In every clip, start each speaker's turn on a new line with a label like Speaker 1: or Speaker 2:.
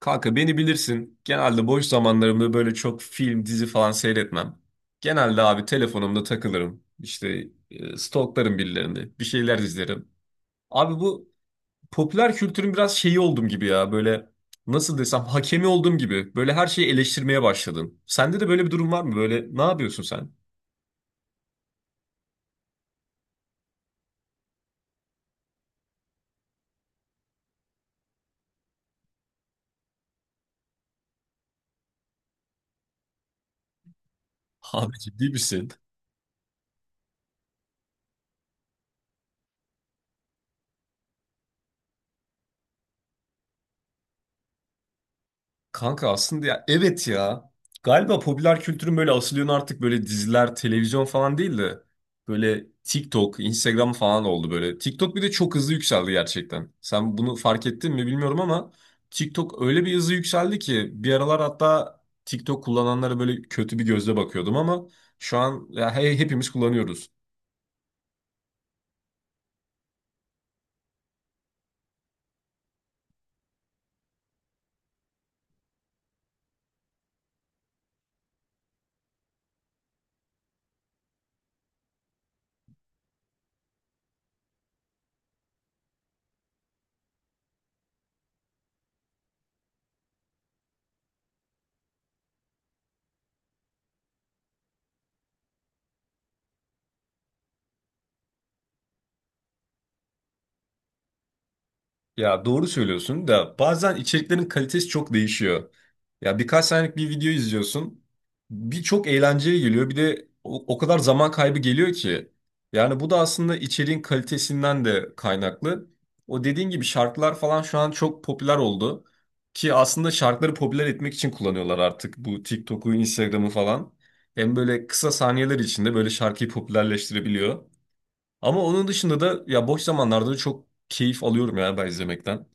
Speaker 1: Kanka beni bilirsin. Genelde boş zamanlarımda böyle çok film, dizi falan seyretmem. Genelde abi telefonumda takılırım. İşte stalklarım birilerini. Bir şeyler izlerim. Abi bu popüler kültürün biraz şeyi oldum gibi ya. Böyle nasıl desem hakemi olduğum gibi. Böyle her şeyi eleştirmeye başladım. Sende de böyle bir durum var mı? Böyle ne yapıyorsun sen? Abi ciddi misin? Kanka aslında ya evet ya. Galiba popüler kültürün böyle asıl yönü artık böyle diziler, televizyon falan değil de böyle TikTok, Instagram falan oldu böyle. TikTok bir de çok hızlı yükseldi gerçekten. Sen bunu fark ettin mi bilmiyorum ama TikTok öyle bir hızlı yükseldi ki bir aralar hatta TikTok kullananlara böyle kötü bir gözle bakıyordum ama şu an ya hepimiz kullanıyoruz. Ya doğru söylüyorsun da bazen içeriklerin kalitesi çok değişiyor. Ya birkaç saniyelik bir video izliyorsun. Bir çok eğlenceli geliyor bir de o kadar zaman kaybı geliyor ki. Yani bu da aslında içeriğin kalitesinden de kaynaklı. O dediğin gibi şarkılar falan şu an çok popüler oldu. Ki aslında şarkıları popüler etmek için kullanıyorlar artık bu TikTok'u, Instagram'ı falan. Hem böyle kısa saniyeler içinde böyle şarkıyı popülerleştirebiliyor. Ama onun dışında da ya boş zamanlarda da çok keyif alıyorum ya ben izlemekten.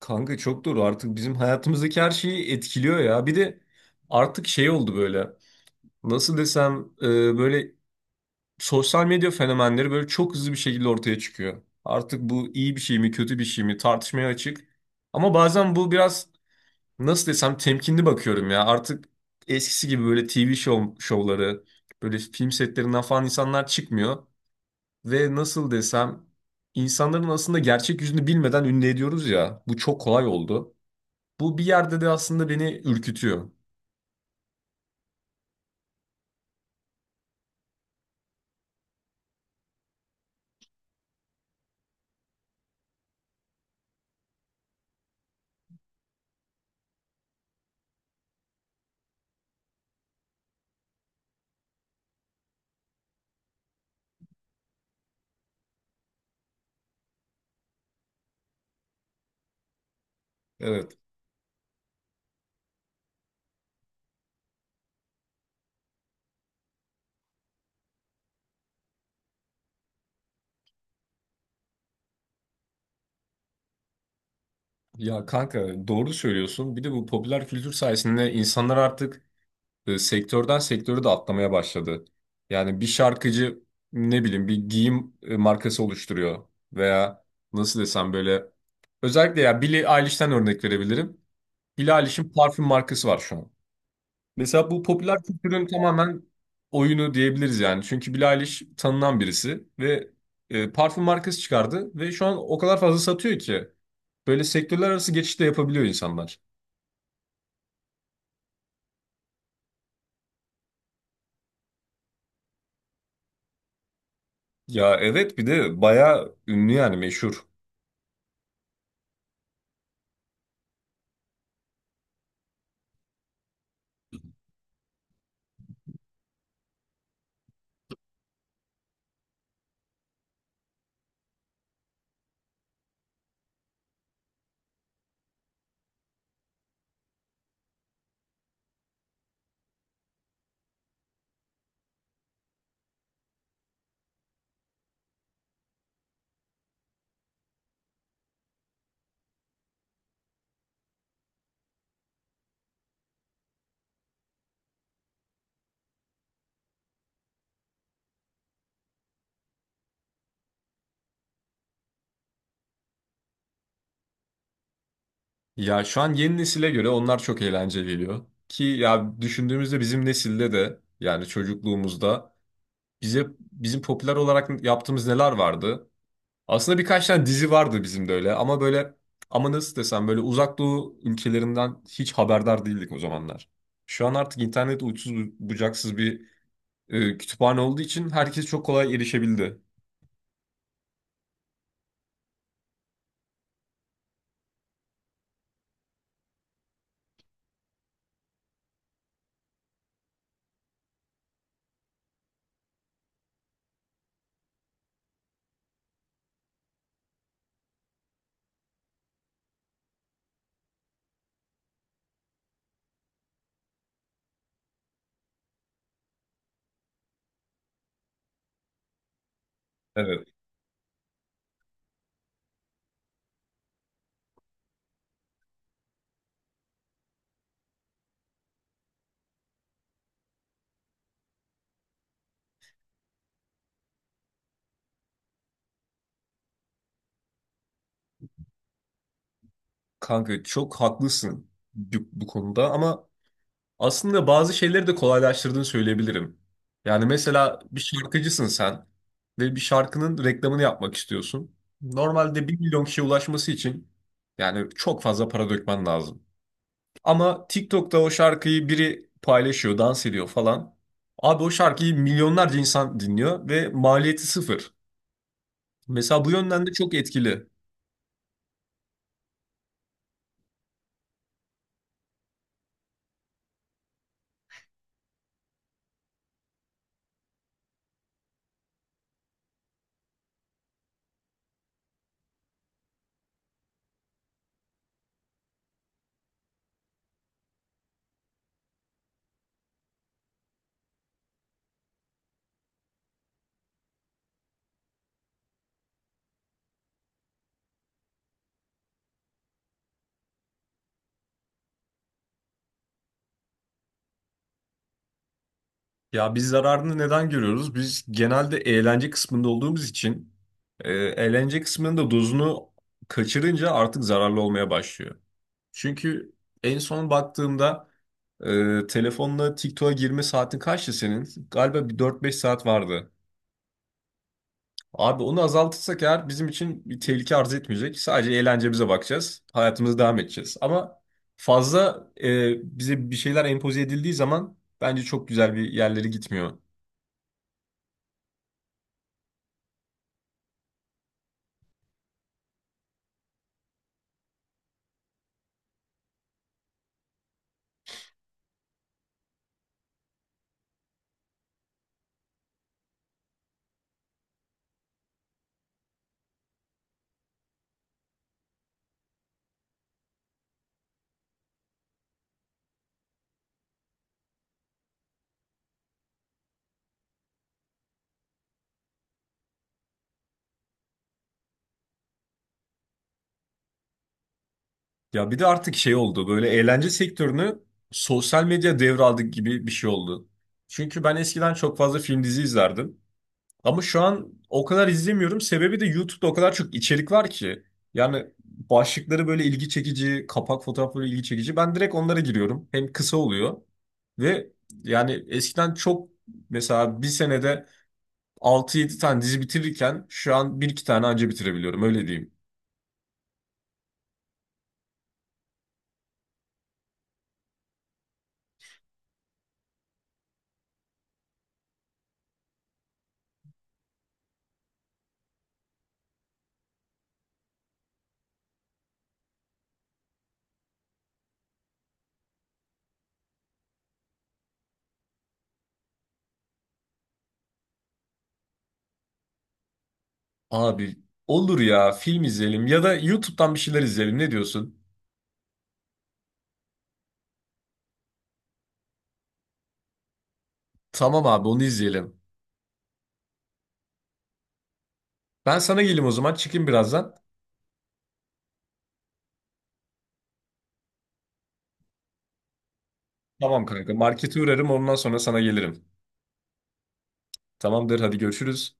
Speaker 1: Kanka çok doğru artık bizim hayatımızdaki her şeyi etkiliyor ya. Bir de artık şey oldu böyle. Nasıl desem böyle sosyal medya fenomenleri böyle çok hızlı bir şekilde ortaya çıkıyor. Artık bu iyi bir şey mi kötü bir şey mi tartışmaya açık. Ama bazen bu biraz nasıl desem temkinli bakıyorum ya. Artık eskisi gibi böyle TV show, şovları böyle film setlerinden falan insanlar çıkmıyor. Ve nasıl desem insanların aslında gerçek yüzünü bilmeden ünlü ediyoruz ya. Bu çok kolay oldu. Bu bir yerde de aslında beni ürkütüyor. Evet. Ya kanka doğru söylüyorsun. Bir de bu popüler kültür sayesinde insanlar artık sektörden sektörü de atlamaya başladı. Yani bir şarkıcı ne bileyim bir giyim markası oluşturuyor veya nasıl desem böyle özellikle ya Billie Eilish'ten örnek verebilirim. Billie Eilish'in parfüm markası var şu an. Mesela bu popüler kültürün tamamen oyunu diyebiliriz yani. Çünkü Billie Eilish tanınan birisi ve parfüm markası çıkardı ve şu an o kadar fazla satıyor ki böyle sektörler arası geçiş de yapabiliyor insanlar. Ya evet bir de bayağı ünlü yani meşhur. Ya şu an yeni nesile göre onlar çok eğlenceli geliyor. Ki ya düşündüğümüzde bizim nesilde de yani çocukluğumuzda bize bizim popüler olarak yaptığımız neler vardı? Aslında birkaç tane dizi vardı bizim de öyle ama böyle ama nasıl desem böyle uzak doğu ülkelerinden hiç haberdar değildik o zamanlar. Şu an artık internet uçsuz bucaksız bir kütüphane olduğu için herkes çok kolay erişebildi. Evet. Kanka çok haklısın bu konuda ama aslında bazı şeyleri de kolaylaştırdığını söyleyebilirim. Yani mesela bir şarkıcısın sen ve bir şarkının reklamını yapmak istiyorsun. Normalde 1 milyon kişiye ulaşması için yani çok fazla para dökmen lazım. Ama TikTok'ta o şarkıyı biri paylaşıyor, dans ediyor falan. Abi o şarkıyı milyonlarca insan dinliyor ve maliyeti sıfır. Mesela bu yönden de çok etkili. Ya biz zararını neden görüyoruz? Biz genelde eğlence kısmında olduğumuz için eğlence kısmının da dozunu kaçırınca artık zararlı olmaya başlıyor. Çünkü en son baktığımda telefonla TikTok'a girme saatin kaçtı senin? Galiba bir 4-5 saat vardı. Abi onu azaltırsak eğer bizim için bir tehlike arz etmeyecek. Sadece eğlencemize bakacağız. Hayatımıza devam edeceğiz. Ama fazla bize bir şeyler empoze edildiği zaman bence çok güzel bir yerlere gitmiyor. Ya bir de artık şey oldu. Böyle eğlence sektörünü sosyal medya devraldık gibi bir şey oldu. Çünkü ben eskiden çok fazla film dizi izlerdim. Ama şu an o kadar izlemiyorum. Sebebi de YouTube'da o kadar çok içerik var ki. Yani başlıkları böyle ilgi çekici, kapak fotoğrafları ilgi çekici. Ben direkt onlara giriyorum. Hem kısa oluyor ve yani eskiden çok mesela bir senede 6-7 tane dizi bitirirken şu an bir iki tane anca bitirebiliyorum öyle diyeyim. Abi olur ya film izleyelim ya da YouTube'dan bir şeyler izleyelim ne diyorsun? Tamam abi onu izleyelim. Ben sana geleyim o zaman çıkayım birazdan. Tamam kanka markete uğrarım ondan sonra sana gelirim. Tamamdır, hadi görüşürüz.